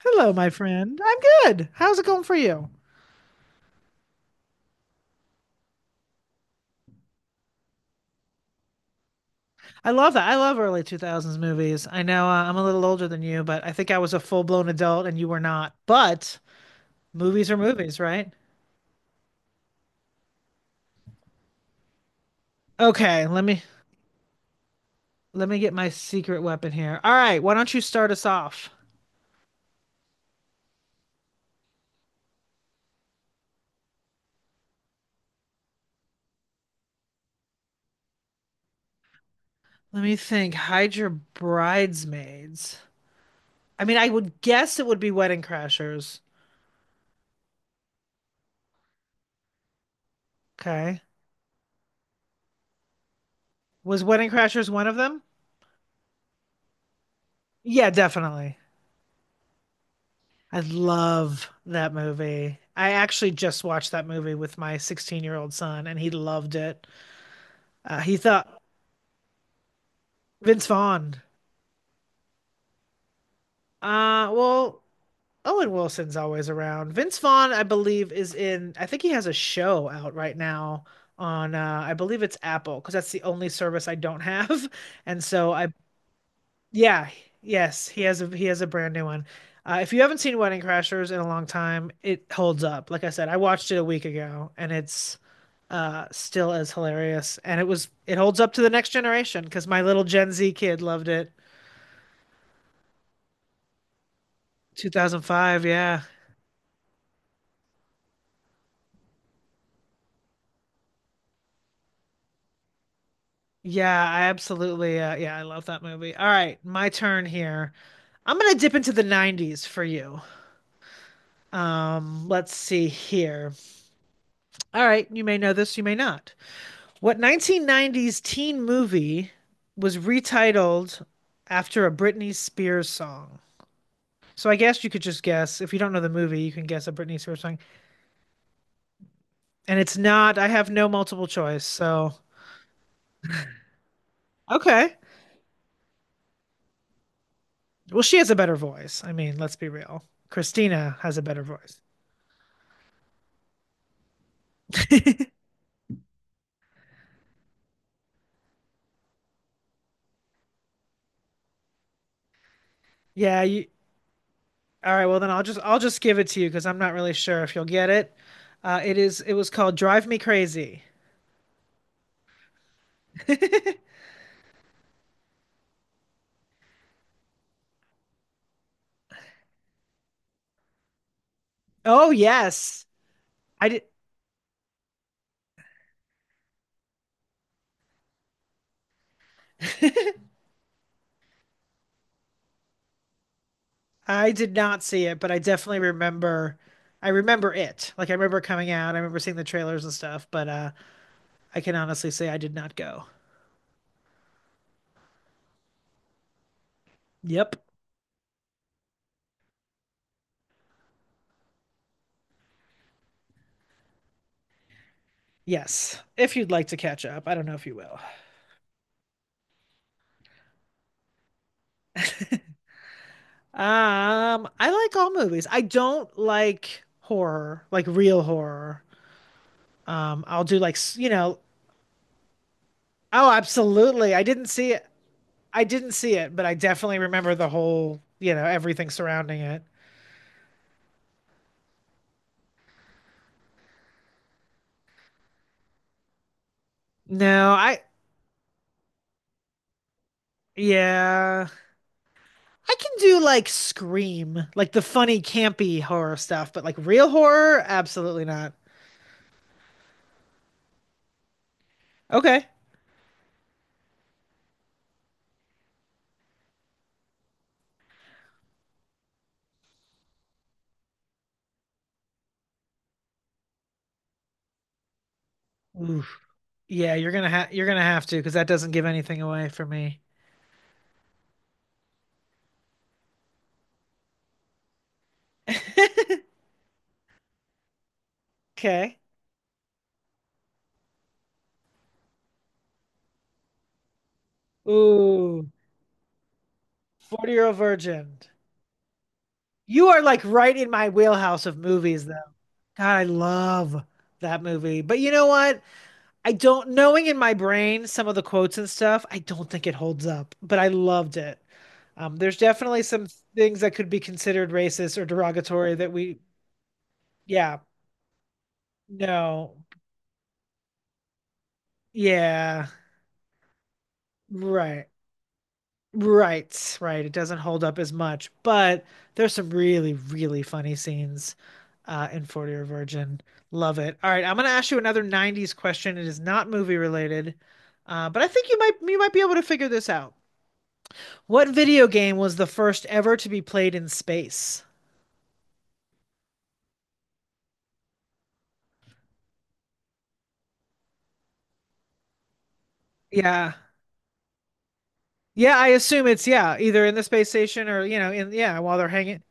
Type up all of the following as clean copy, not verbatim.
Hello, my friend. I'm good. How's it going for you? I love that. I love early 2000s movies. I'm a little older than you, but I think I was a full-blown adult and you were not. But movies are movies, right? Okay, let me get my secret weapon here. All right, why don't you start us off? Let me think. Hide your bridesmaids. I mean, I would guess it would be Wedding Crashers. Okay. Was Wedding Crashers one of them? Yeah, definitely. I love that movie. I actually just watched that movie with my 16-year-old son, and he loved it. He thought Vince Vaughn. Uh, well, Owen Wilson's always around. Vince Vaughn, I believe, is in. I think he has a show out right now on. I believe it's Apple because that's the only service I don't have, and so I Yeah, yes, he has a brand new one. If you haven't seen Wedding Crashers in a long time, it holds up. Like I said, I watched it a week ago, and it's still as hilarious. And it was it holds up to the next generation because my little Gen Z kid loved it. 2005, yeah. Yeah, I absolutely yeah, I love that movie. All right, my turn here. I'm gonna dip into the 90s for you. Let's see here. All right, you may know this, you may not. What 1990s teen movie was retitled after a Britney Spears song? So I guess you could just guess. If you don't know the movie, you can guess a Britney Spears song. And it's not, I have no multiple choice. Okay. Well, she has a better voice. I mean, let's be real. Christina has a better voice. Yeah, you, all right, well then I'll just give it to you because I'm not really sure if you'll get it. It is it was called Drive Me Crazy. Oh yes. I did I did not see it, but I definitely remember I remember it. Like I remember coming out, I remember seeing the trailers and stuff, but I can honestly say I did not go. Yep. Yes. If you'd like to catch up, I don't know if you will. I like all movies. I don't like horror, like real horror. I'll do like, oh, absolutely. I didn't see it. I didn't see it, but I definitely remember the whole, you know, everything surrounding it. No, I yeah. I can do like Scream, like the funny, campy horror stuff, but like real horror, absolutely not. Okay. Oof. Yeah, you're gonna have to because that doesn't give anything away for me. Okay. Ooh, 40 Year Old Virgin. You are like right in my wheelhouse of movies, though. God, I love that movie. But you know what? I don't knowing in my brain some of the quotes and stuff, I don't think it holds up, but I loved it. There's definitely some things that could be considered racist or derogatory yeah, no, yeah, right, right. It doesn't hold up as much, but there's some really, really funny scenes in 40 Year Virgin. Love it. All right, I'm gonna ask you another 90s question. It is not movie related, but I think you might be able to figure this out. What video game was the first ever to be played in space? Yeah. Yeah, I assume either in the space station or you know, while they're hanging.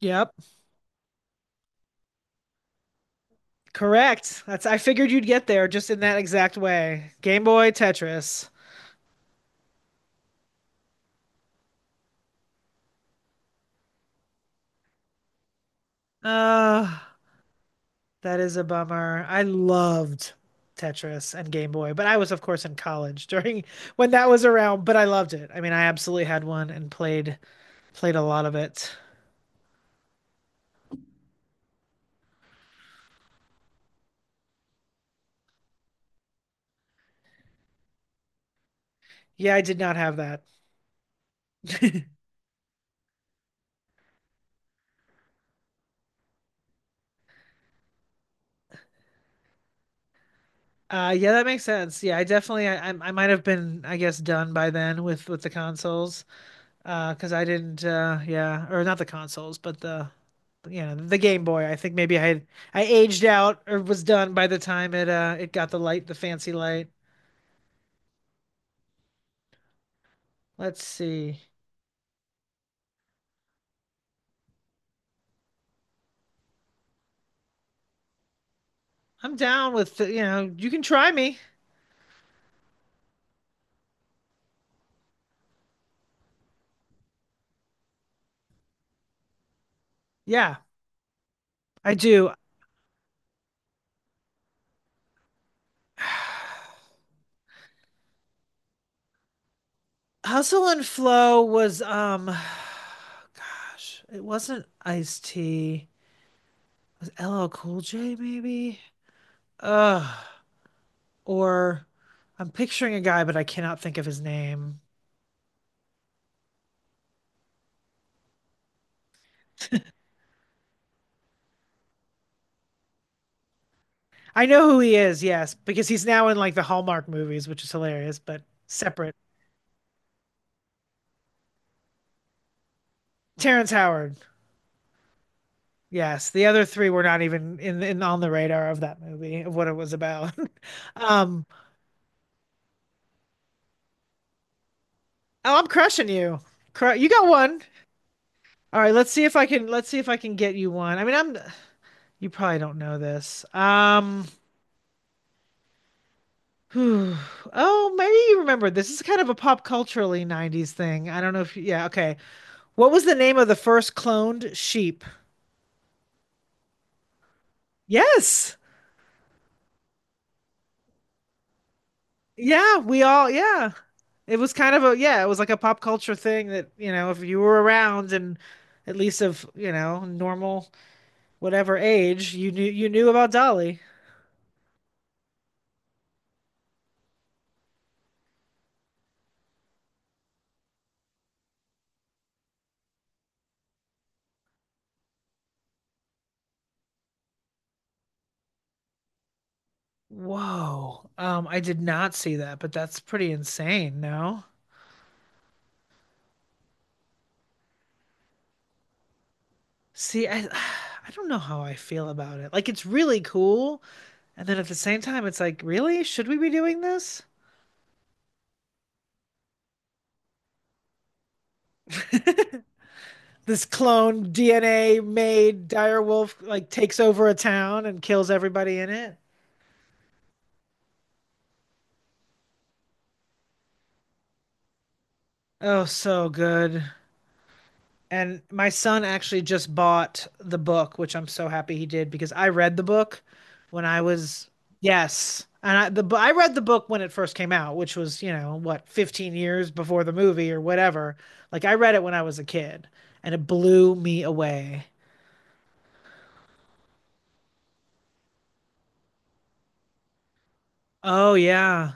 Yep, correct. That's I figured you'd get there just in that exact way. Game Boy Tetris. Uh, that is a bummer. I loved Tetris and Game Boy, but I was of course in college during when that was around, but I loved it. I mean, I absolutely had one and played a lot of it. Yeah, I did not have that. Yeah, that makes sense. Yeah, I might have been, I guess, done by then with the consoles, because I didn't, yeah, or not the consoles, but the Game Boy. I think maybe I had, I aged out or was done by the time it got the light, the fancy light. Let's see. I'm down with, you can try me. Yeah, I do. Hustle and Flow was, gosh, it wasn't Ice T. Was LL Cool J maybe? Ugh. Or I'm picturing a guy, but I cannot think of his name. I know who he is, yes, because he's now in like the Hallmark movies, which is hilarious, but separate. Terrence Howard. Yes, the other three were not even in on the radar of that movie, of what it was about. Um, oh, I'm crushing you. Cru you got one. All right, let's see if I can get you one. I mean, I'm you probably don't know this. Oh, maybe you remember. This is kind of a pop culturally 90s thing. I don't know if yeah, okay. What was the name of the first cloned sheep? Yes. Yeah, we all yeah. It was like a pop culture thing that, you know, if you were around and at least of, you know, normal whatever age, you knew about Dolly. Whoa. I did not see that, but that's pretty insane, no? See, I I don't know how I feel about it. Like it's really cool, and then at the same time, it's like, really? Should we be doing this? this clone DNA made dire wolf like takes over a town and kills everybody in it. Oh, so good. And my son actually just bought the book, which I'm so happy he did because I read the book when I was yes, and I read the book when it first came out, which was you know what 15 years before the movie or whatever. Like I read it when I was a kid, and it blew me away. Oh yeah.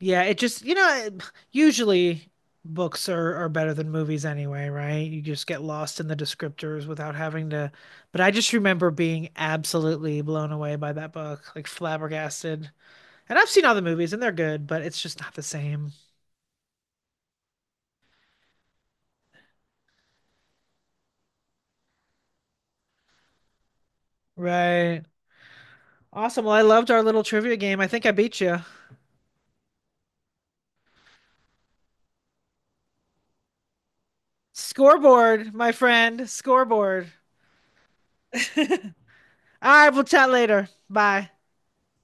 Yeah, it just, you know, usually are better than movies anyway, right? You just get lost in the descriptors without having to. But I just remember being absolutely blown away by that book, like flabbergasted. And I've seen all the movies and they're good, but it's just not the same. Right. Awesome. Well, I loved our little trivia game. I think I beat you. Scoreboard, my friend, scoreboard. All right, we'll chat later. Bye.